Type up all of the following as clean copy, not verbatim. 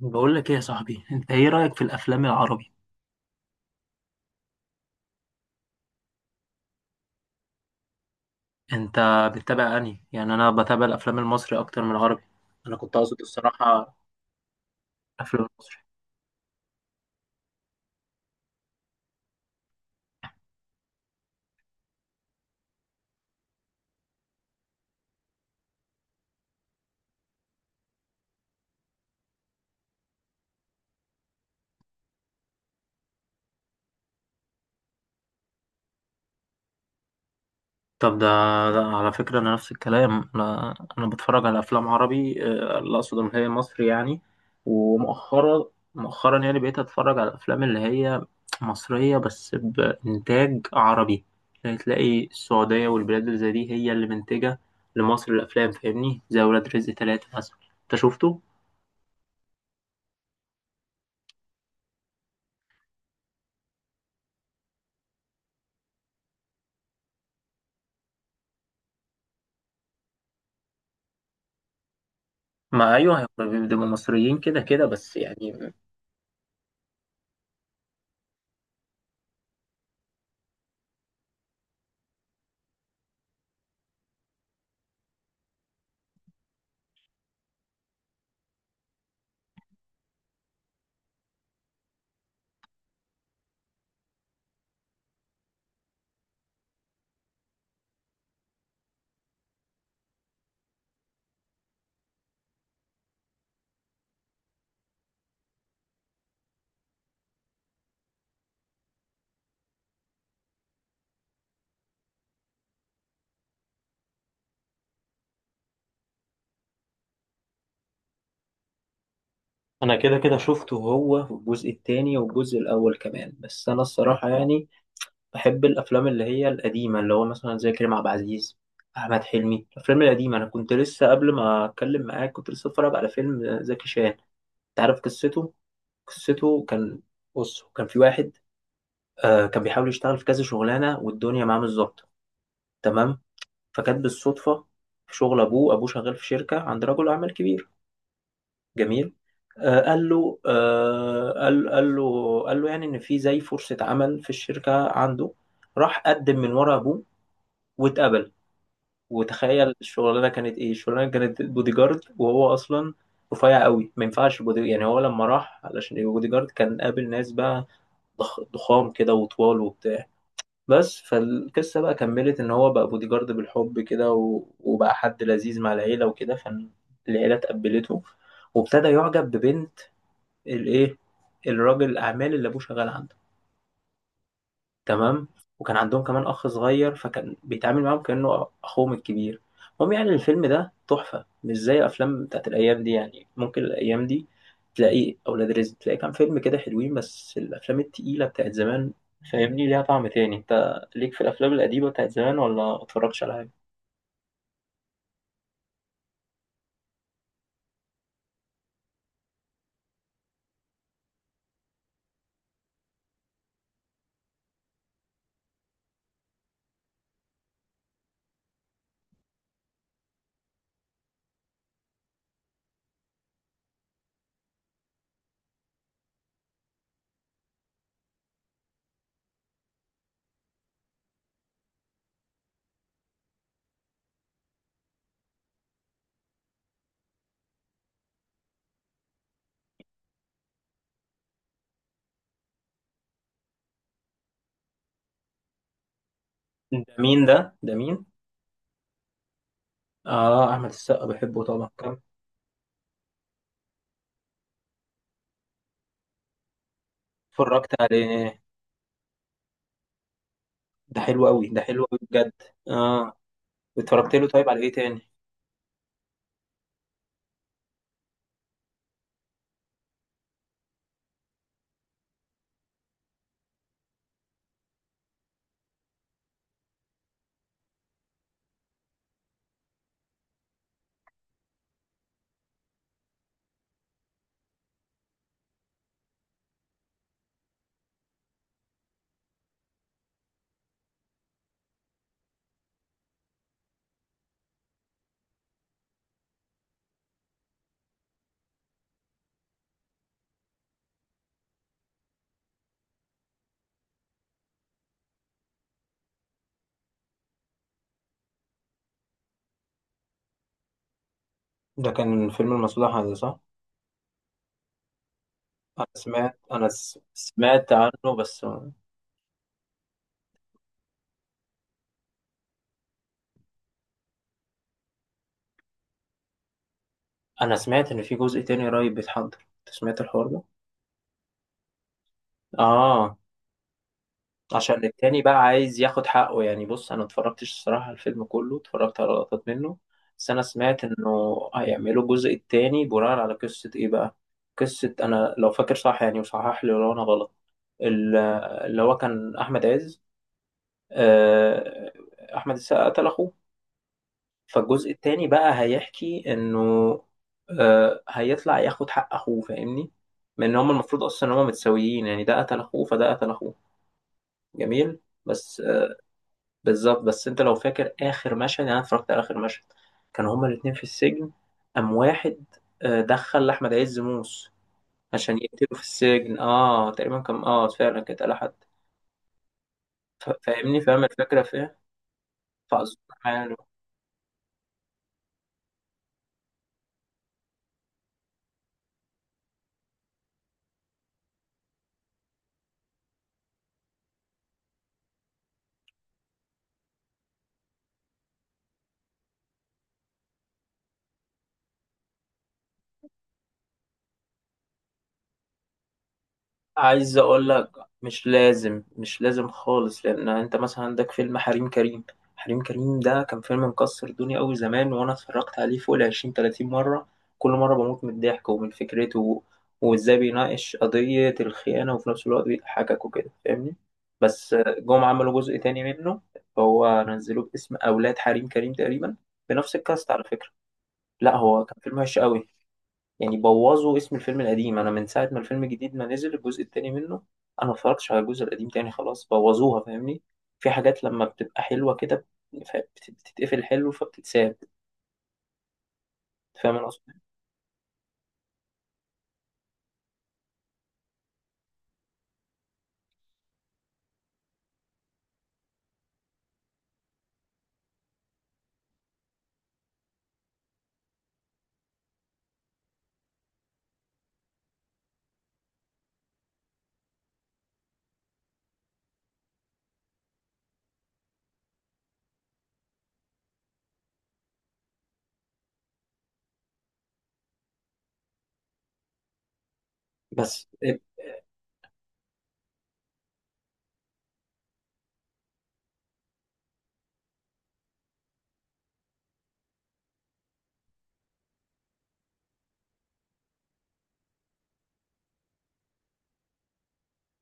بقول لك ايه يا صاحبي؟ انت ايه رأيك في الافلام العربي؟ انت بتتابع انهي؟ يعني انا بتابع الافلام المصري اكتر من العربي. انا كنت اقصد الصراحة افلام المصري. طب ده، على فكرة انا نفس الكلام. انا بتفرج على افلام عربي، اللي اقصد ان هي مصري يعني. ومؤخرا، يعني بقيت اتفرج على الافلام اللي هي مصرية بس بانتاج عربي. يعني تلاقي السعودية والبلاد اللي زي دي هي اللي منتجة لمصر الافلام. فاهمني؟ زي ولاد رزق ثلاثة مثلا. انت شفته؟ ما ايوه هم بيبقوا مصريين كده كده بس يعني. انا كده كده شفته هو في الجزء التاني والجزء الاول كمان. بس انا الصراحه يعني بحب الافلام اللي هي القديمه، اللي هو مثلا زي كريم عبد العزيز، احمد حلمي، الافلام القديمه. انا كنت لسه قبل ما اتكلم معاك كنت لسه اتفرج على فيلم زكي شان. انت عارف قصته؟ قصته كان، بص كان في واحد، كان بيحاول يشتغل في كذا شغلانه والدنيا معاه مش ظابطه، تمام؟ فكانت بالصدفه في شغل ابوه، ابوه شغال في شركه عند رجل اعمال كبير. جميل. آه، قال له آه، قال قال له قال له يعني ان في زي فرصة عمل في الشركة عنده. راح قدم من ورا ابوه واتقبل. وتخيل الشغلانة كانت ايه! الشغلانة كانت بودي جارد وهو اصلا رفيع قوي، ما ينفعش بودي. يعني هو لما راح علشان يبقى بودي جارد كان قابل ناس بقى ضخام كده وطوال وبتاع. بس فالقصة بقى كملت ان هو بقى بودي جارد بالحب كده، وبقى حد لذيذ مع العيلة وكده. فالعيلة تقبلته، وابتدى يعجب ببنت الايه، الراجل الاعمال اللي ابوه شغال عنده. تمام. وكان عندهم كمان اخ صغير، فكان بيتعامل معاهم كانه اخوهم الكبير. المهم يعني الفيلم ده تحفه، مش زي افلام بتاعت الايام دي. يعني ممكن الايام دي تلاقي اولاد رزق، تلاقي كام فيلم كده حلوين، بس الافلام التقيله بتاعت زمان فاهمني ليها طعم تاني. انت ليك في الافلام القديمه بتاعت زمان ولا ما اتفرجتش على حاجه؟ ده مين؟ اه، احمد السقا، بحبه طبعا كم. اتفرجت عليه. ده حلو قوي، ده حلو قوي بجد. اه اتفرجت له. طيب على ايه تاني؟ ده كان فيلم المصلحة ده، صح؟ انا سمعت، سمعت عنه بس. انا سمعت ان في جزء تاني قريب بيتحضر. انت سمعت الحوار ده؟ اه. عشان التاني بقى عايز ياخد حقه يعني. بص انا اتفرجتش الصراحة على الفيلم كله، اتفرجت على لقطات منه بس. انا سمعت انه هيعملوا الجزء التاني بناء على قصة ايه بقى؟ قصة انا لو فاكر صح يعني، وصحح لي لو انا غلط. ال- اللي هو كان احمد عز، آه، احمد السقا قتل اخوه. فالجزء التاني بقى هيحكي انه هيطلع ياخد حق اخوه فاهمني. من ان هما المفروض اصلا ان هما متساويين يعني، ده قتل اخوه فده قتل اخوه. جميل. بس بالظبط. بس انت لو فاكر اخر مشهد يعني، انا اتفرجت على اخر مشهد. كانوا هما الاتنين في السجن. قام واحد دخل لاحمد عز موس عشان يقتله في السجن. اه تقريبا كان، اه فعلا كانت، قال حد. فاهمني فاهم الفكره في ايه. فأظن. عايز اقول لك، مش لازم خالص، لان انت مثلا عندك فيلم حريم كريم. حريم كريم ده كان فيلم مكسر الدنيا قوي زمان، وانا اتفرجت عليه فوق ال 20 30 مره. كل مره بموت من الضحك ومن فكرته، وازاي بيناقش قضيه الخيانه وفي نفس الوقت بيضحكك وكده فاهمني. بس جم عملوا جزء تاني منه، هو نزلوه باسم اولاد حريم كريم تقريبا، بنفس الكاست على فكره. لا هو كان فيلم وحش قوي. يعني بوظوا اسم الفيلم القديم. انا من ساعه ما الفيلم الجديد ما نزل الجزء التاني منه، انا ما اتفرجتش على الجزء القديم تاني. خلاص بوظوها فاهمني. في حاجات لما بتبقى حلوه كده بتتقفل حلو فبتتساب. فاهم انا قصدي. بس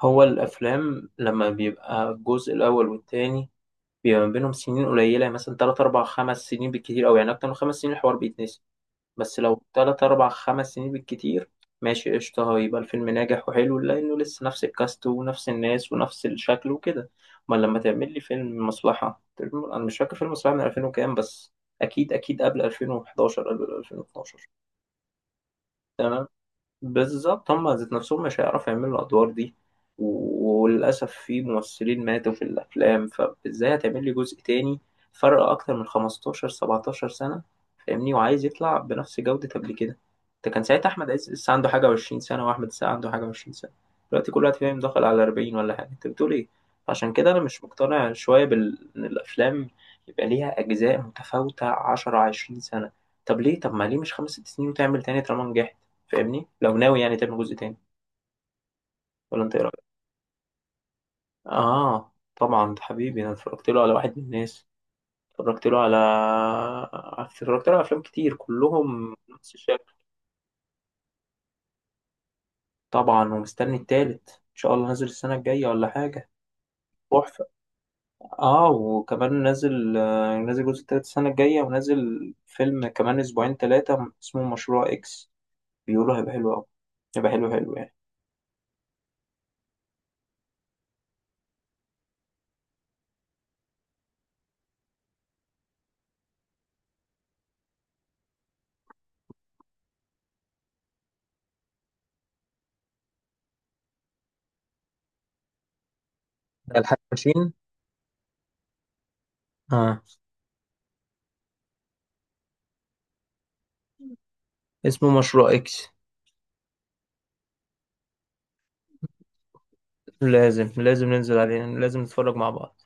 هو الافلام لما بيبقى الجزء الاول والتاني بيبقى ما بينهم سنين قليله، يعني مثلا 3 4 5 سنين بالكتير قوي. يعني اكتر من خمس سنين الحوار بيتنسي. بس لو تلات أربع خمس سنين بالكتير ماشي قشطة، هيبقى الفيلم ناجح وحلو لأنه لسه نفس الكاست ونفس الناس ونفس الشكل وكده. أمال لما تعمل لي فيلم مصلحة، أنا مش فاكر فيلم مصلحة من 2000 وكام بس. أكيد أكيد قبل 2011 قبل 2012. بالظبط هم ذات نفسهم مش هيعرفوا يعملوا الأدوار دي. وللأسف في ممثلين ماتوا في الأفلام، فإزاي هتعمل لي جزء تاني فرق أكتر من 15 17 سنة فاهمني، وعايز يطلع بنفس جودة قبل كده؟ ده كان ساعتها أحمد عز لسه عنده حاجة و20 سنة وأحمد السقا عنده حاجة و20 سنة. دلوقتي كل واحد فيهم داخل على 40 ولا حاجة، أنت بتقول إيه؟ عشان كده أنا مش مقتنع شوية إن الأفلام يبقى ليها أجزاء متفاوتة 10 20 سنة. طب ليه؟ طب ما ليه مش خمس ست سنين وتعمل تاني طالما نجحت؟ فاهمني لو ناوي يعني تعمل جزء تاني. ولا انت ايه رايك؟ اه طبعا ده حبيبي. انا اتفرجت له على واحد من الناس، اتفرجت له على اتفرجت له على افلام كتير كلهم نفس الشكل. طبعا ومستني التالت ان شاء الله نازل السنه الجايه ولا حاجه. تحفه. اه وكمان نازل، نازل الجزء التالت السنه الجايه، ونازل فيلم كمان اسبوعين ثلاثه اسمه مشروع اكس. بيقولوا هيبقى حلو قوي. هيبقى حلو يعني. ده الحاج ماشين. اه اسمه مشروع اكس. لازم ننزل عليه، لازم نتفرج مع بعض.